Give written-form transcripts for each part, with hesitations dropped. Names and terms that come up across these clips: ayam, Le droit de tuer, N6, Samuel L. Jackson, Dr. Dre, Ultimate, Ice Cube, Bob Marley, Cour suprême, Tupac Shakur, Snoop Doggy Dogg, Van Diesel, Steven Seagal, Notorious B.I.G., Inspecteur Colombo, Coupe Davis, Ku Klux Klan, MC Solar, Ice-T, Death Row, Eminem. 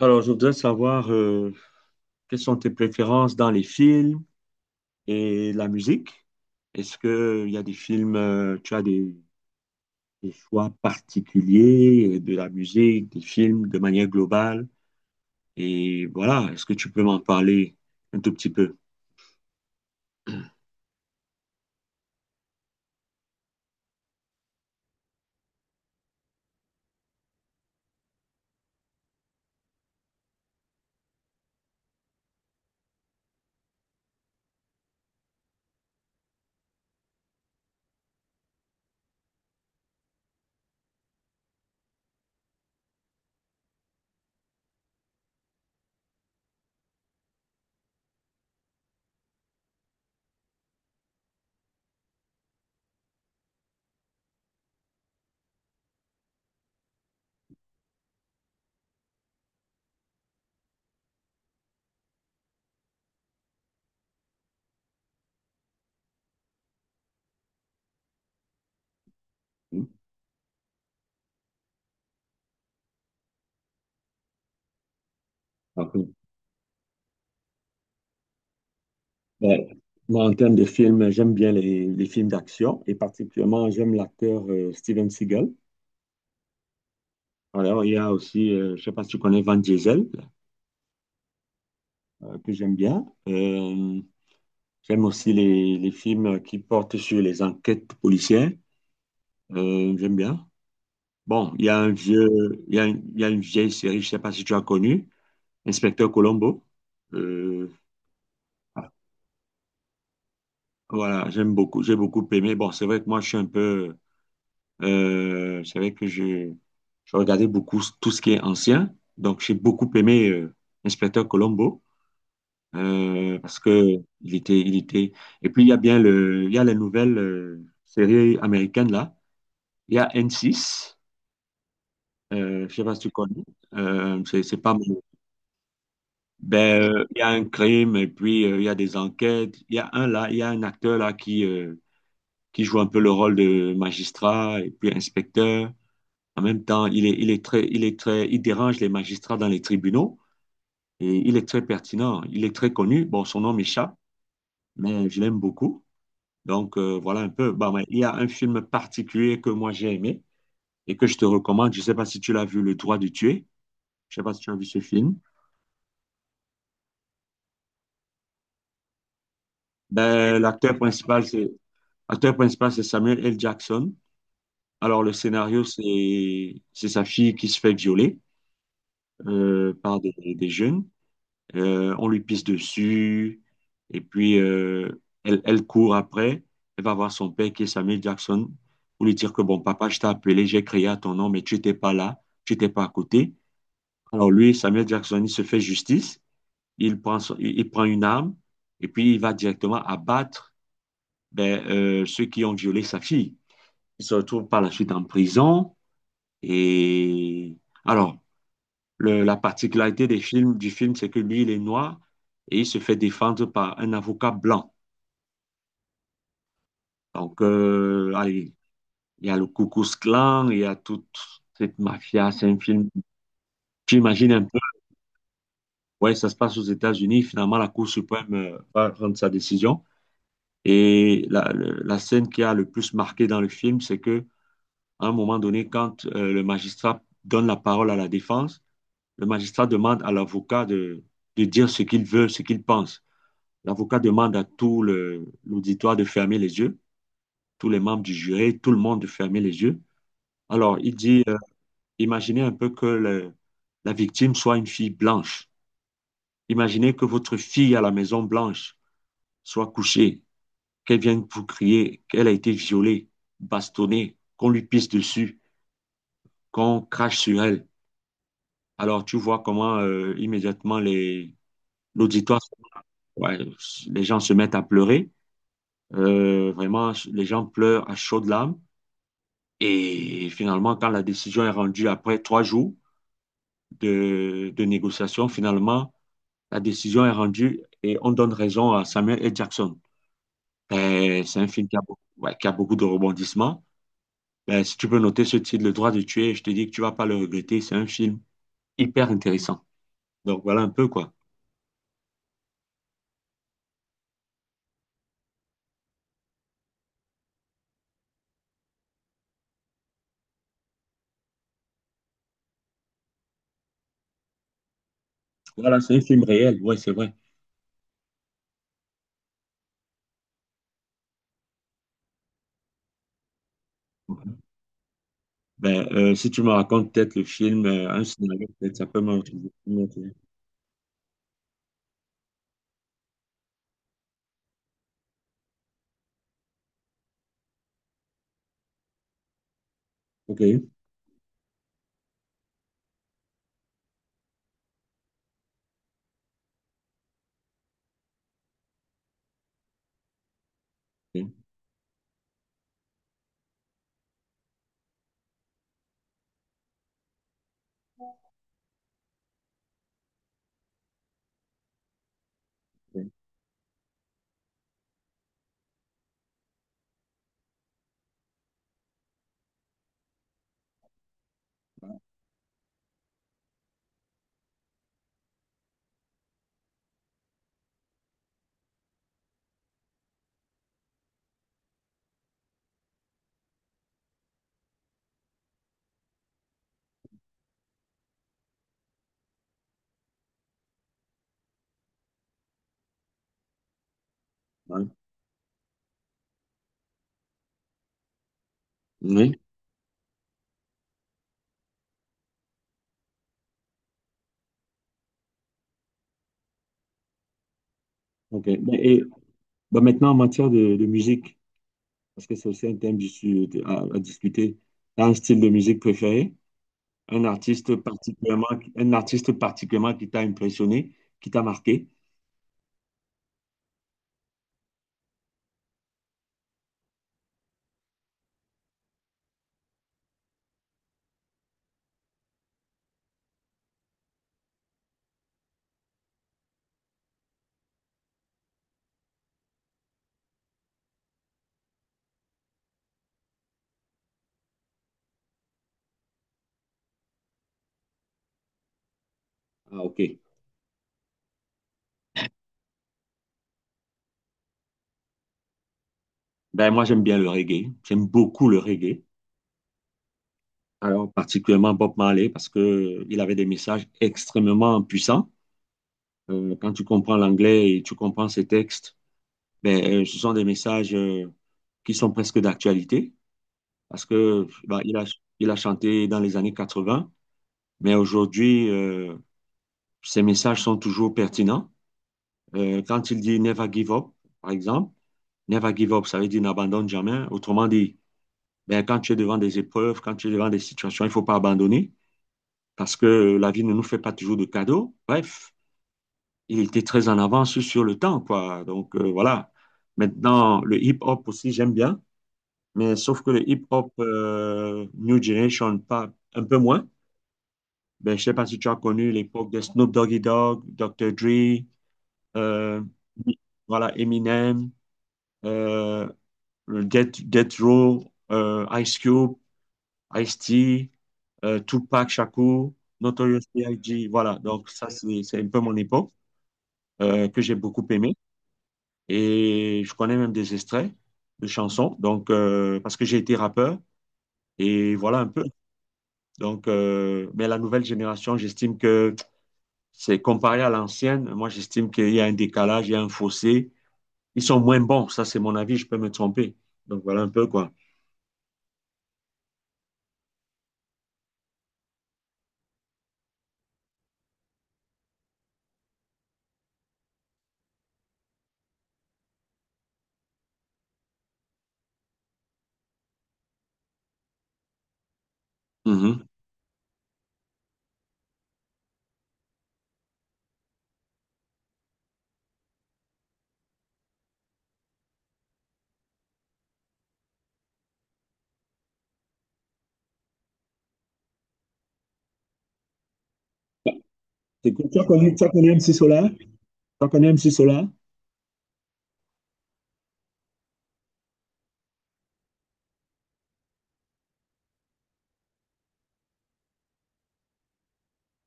Alors, je voudrais savoir quelles sont tes préférences dans les films et la musique. Est-ce que il y a des films, tu as des choix particuliers de la musique, des films de manière globale? Et voilà, est-ce que tu peux m'en parler un tout petit peu? Ok. Ouais. Moi, en termes de films, j'aime bien les films d'action et particulièrement, j'aime l'acteur Steven Seagal. Alors, il y a aussi, je ne sais pas si tu connais Van Diesel, que j'aime bien. J'aime aussi les films qui portent sur les enquêtes policières. J'aime bien. Bon, il y a un vieux, il y a, une il y a une vieille série, je ne sais pas si tu as connu, Inspecteur Colombo. Euh, ah, voilà, j'aime beaucoup, j'ai beaucoup aimé. Bon, c'est vrai que moi, je suis un peu, c'est vrai que je, regardais beaucoup tout ce qui est ancien. Donc, j'ai beaucoup aimé Inspecteur Colombo parce que il était, il était. Et puis, il y a bien le, il y a les nouvelles séries américaines là. Il y a N6, je sais pas si tu connais. C'est pas mon. Ben, il y a un crime et puis il y a des enquêtes. Il y a un là, il y a un acteur là qui joue un peu le rôle de magistrat et puis inspecteur. En même temps, il est très, il dérange les magistrats dans les tribunaux et il est très pertinent. Il est très connu. Bon, son nom m'échappe, mais je l'aime beaucoup. Donc, voilà un peu. Bah, ouais, il y a un film particulier que moi j'ai aimé et que je te recommande. Je sais pas si tu l'as vu, Le droit de tuer. Je sais pas si tu as vu ce film. Ben, l'acteur principal, c'est Samuel L. Jackson. Alors, le scénario, c'est sa fille qui se fait violer par des, jeunes. On lui pisse dessus et puis elle, elle court après. Elle va voir son père qui est Samuel Jackson pour lui dire que bon, papa, je t'ai appelé, j'ai crié à ton nom, mais tu n'étais pas là, tu n'étais pas à côté. Alors, lui, Samuel Jackson, il se fait justice. Il prend, il prend une arme et puis il va directement abattre ceux qui ont violé sa fille. Ils se retrouvent par la suite en prison. Et alors, la particularité des films, du film, c'est que lui, il est noir et il se fait défendre par un avocat blanc. Donc, allez, il y a le Ku Klux Klan, il y a toute cette mafia. C'est un film, tu imagines un peu. Ouais, ça se passe aux États-Unis. Finalement, la Cour suprême va rendre sa décision. Et la, la scène qui a le plus marqué dans le film, c'est que À un moment donné, quand le magistrat donne la parole à la défense, le magistrat demande à l'avocat de, dire ce qu'il veut, ce qu'il pense. L'avocat demande à l'auditoire de fermer les yeux, tous les membres du jury, tout le monde de fermer les yeux. Alors, il dit, imaginez un peu que la victime soit une fille blanche. Imaginez que votre fille à la Maison Blanche soit couchée, qu'elle vienne vous crier qu'elle a été violée, bastonnée, qu'on lui pisse dessus, qu'on crache sur elle. Alors, tu vois comment immédiatement les l'auditoire, ouais, les gens se mettent à pleurer. Vraiment, les gens pleurent à chaudes larmes. Et finalement, quand la décision est rendue après 3 jours de, négociation, finalement, la décision est rendue et on donne raison à Samuel L. Jackson. C'est un film qui a, ouais, qui a beaucoup de rebondissements. Si tu peux noter ce titre, Le droit de tuer, je te dis que tu vas pas le regretter. C'est un film hyper intéressant. Donc voilà un peu quoi. Voilà, c'est un film réel, ouais, c'est vrai. Ben, si tu me racontes peut-être le film, un scénario, peut-être ça peut m'intéresser. Ok, ok, ok. Ouais. Oui, ok. Ben, et ben, maintenant, en matière de, musique, parce que c'est aussi un thème à, discuter, t'as un style de musique préféré, un artiste particulièrement, qui t'a impressionné, qui t'a marqué. Ah, ok. Ben, moi, j'aime bien le reggae. J'aime beaucoup le reggae. Alors, particulièrement Bob Marley, parce que il avait des messages extrêmement puissants. Quand tu comprends l'anglais et tu comprends ces textes, ben, ce sont des messages qui sont presque d'actualité parce que bah, il a chanté dans les années 80, mais aujourd'hui, ces messages sont toujours pertinents. Quand il dit Never give up, par exemple, Never give up, ça veut dire n'abandonne jamais. Autrement dit, ben, quand tu es devant des épreuves, quand tu es devant des situations, il ne faut pas abandonner parce que la vie ne nous fait pas toujours de cadeaux. Bref, il était très en avance sur le temps, quoi. Donc, voilà. Maintenant, le hip-hop aussi, j'aime bien. Mais sauf que le hip-hop New Generation, pas, un peu moins. Ben, je sais pas si tu as connu l'époque de Snoop Doggy Dogg, Dr. Dre, euh, voilà, Eminem, euh, Death Row, Ice Cube, Ice-T, Tupac Shakur, Notorious B.I.G. Voilà, donc ça, c'est un peu mon époque que j'ai beaucoup aimé. Et je connais même des extraits de chansons, donc, parce que j'ai été rappeur. Et voilà un peu. Donc, mais la nouvelle génération, j'estime que c'est comparé à l'ancienne. Moi, j'estime qu'il y a un décalage, il y a un fossé. Ils sont moins bons. Ça, c'est mon avis. Je peux me tromper. Donc, voilà un peu quoi. Mhm. Tu as connu MC Solar, là?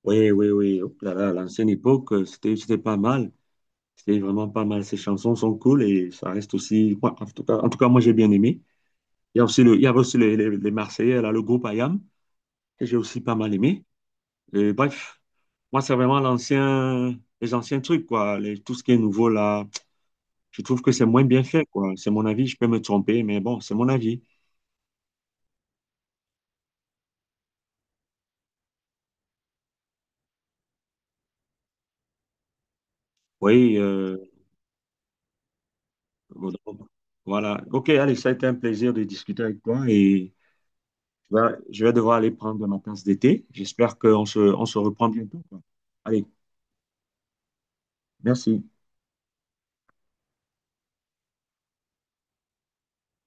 Oui, oui, oui. Oh là là, l'ancienne époque, c'était pas mal. C'était vraiment pas mal. Ces chansons sont cool et ça reste aussi, moi, en tout cas, moi, j'ai bien aimé. Il y a aussi le, il y avait aussi les, les Marseillais, là, le groupe ayam que j'ai aussi pas mal aimé. Et bref, moi, c'est vraiment l'ancien, les anciens trucs, quoi. Les- tout ce qui est nouveau, là, je trouve que c'est moins bien fait, quoi. C'est mon avis, je peux me tromper, mais bon, c'est mon avis. Oui, bon, donc, voilà. OK, allez, ça a été un plaisir de discuter avec toi et je vais devoir aller prendre ma tasse d'été. J'espère qu'on se, on se reprend bientôt, quoi. Allez, merci.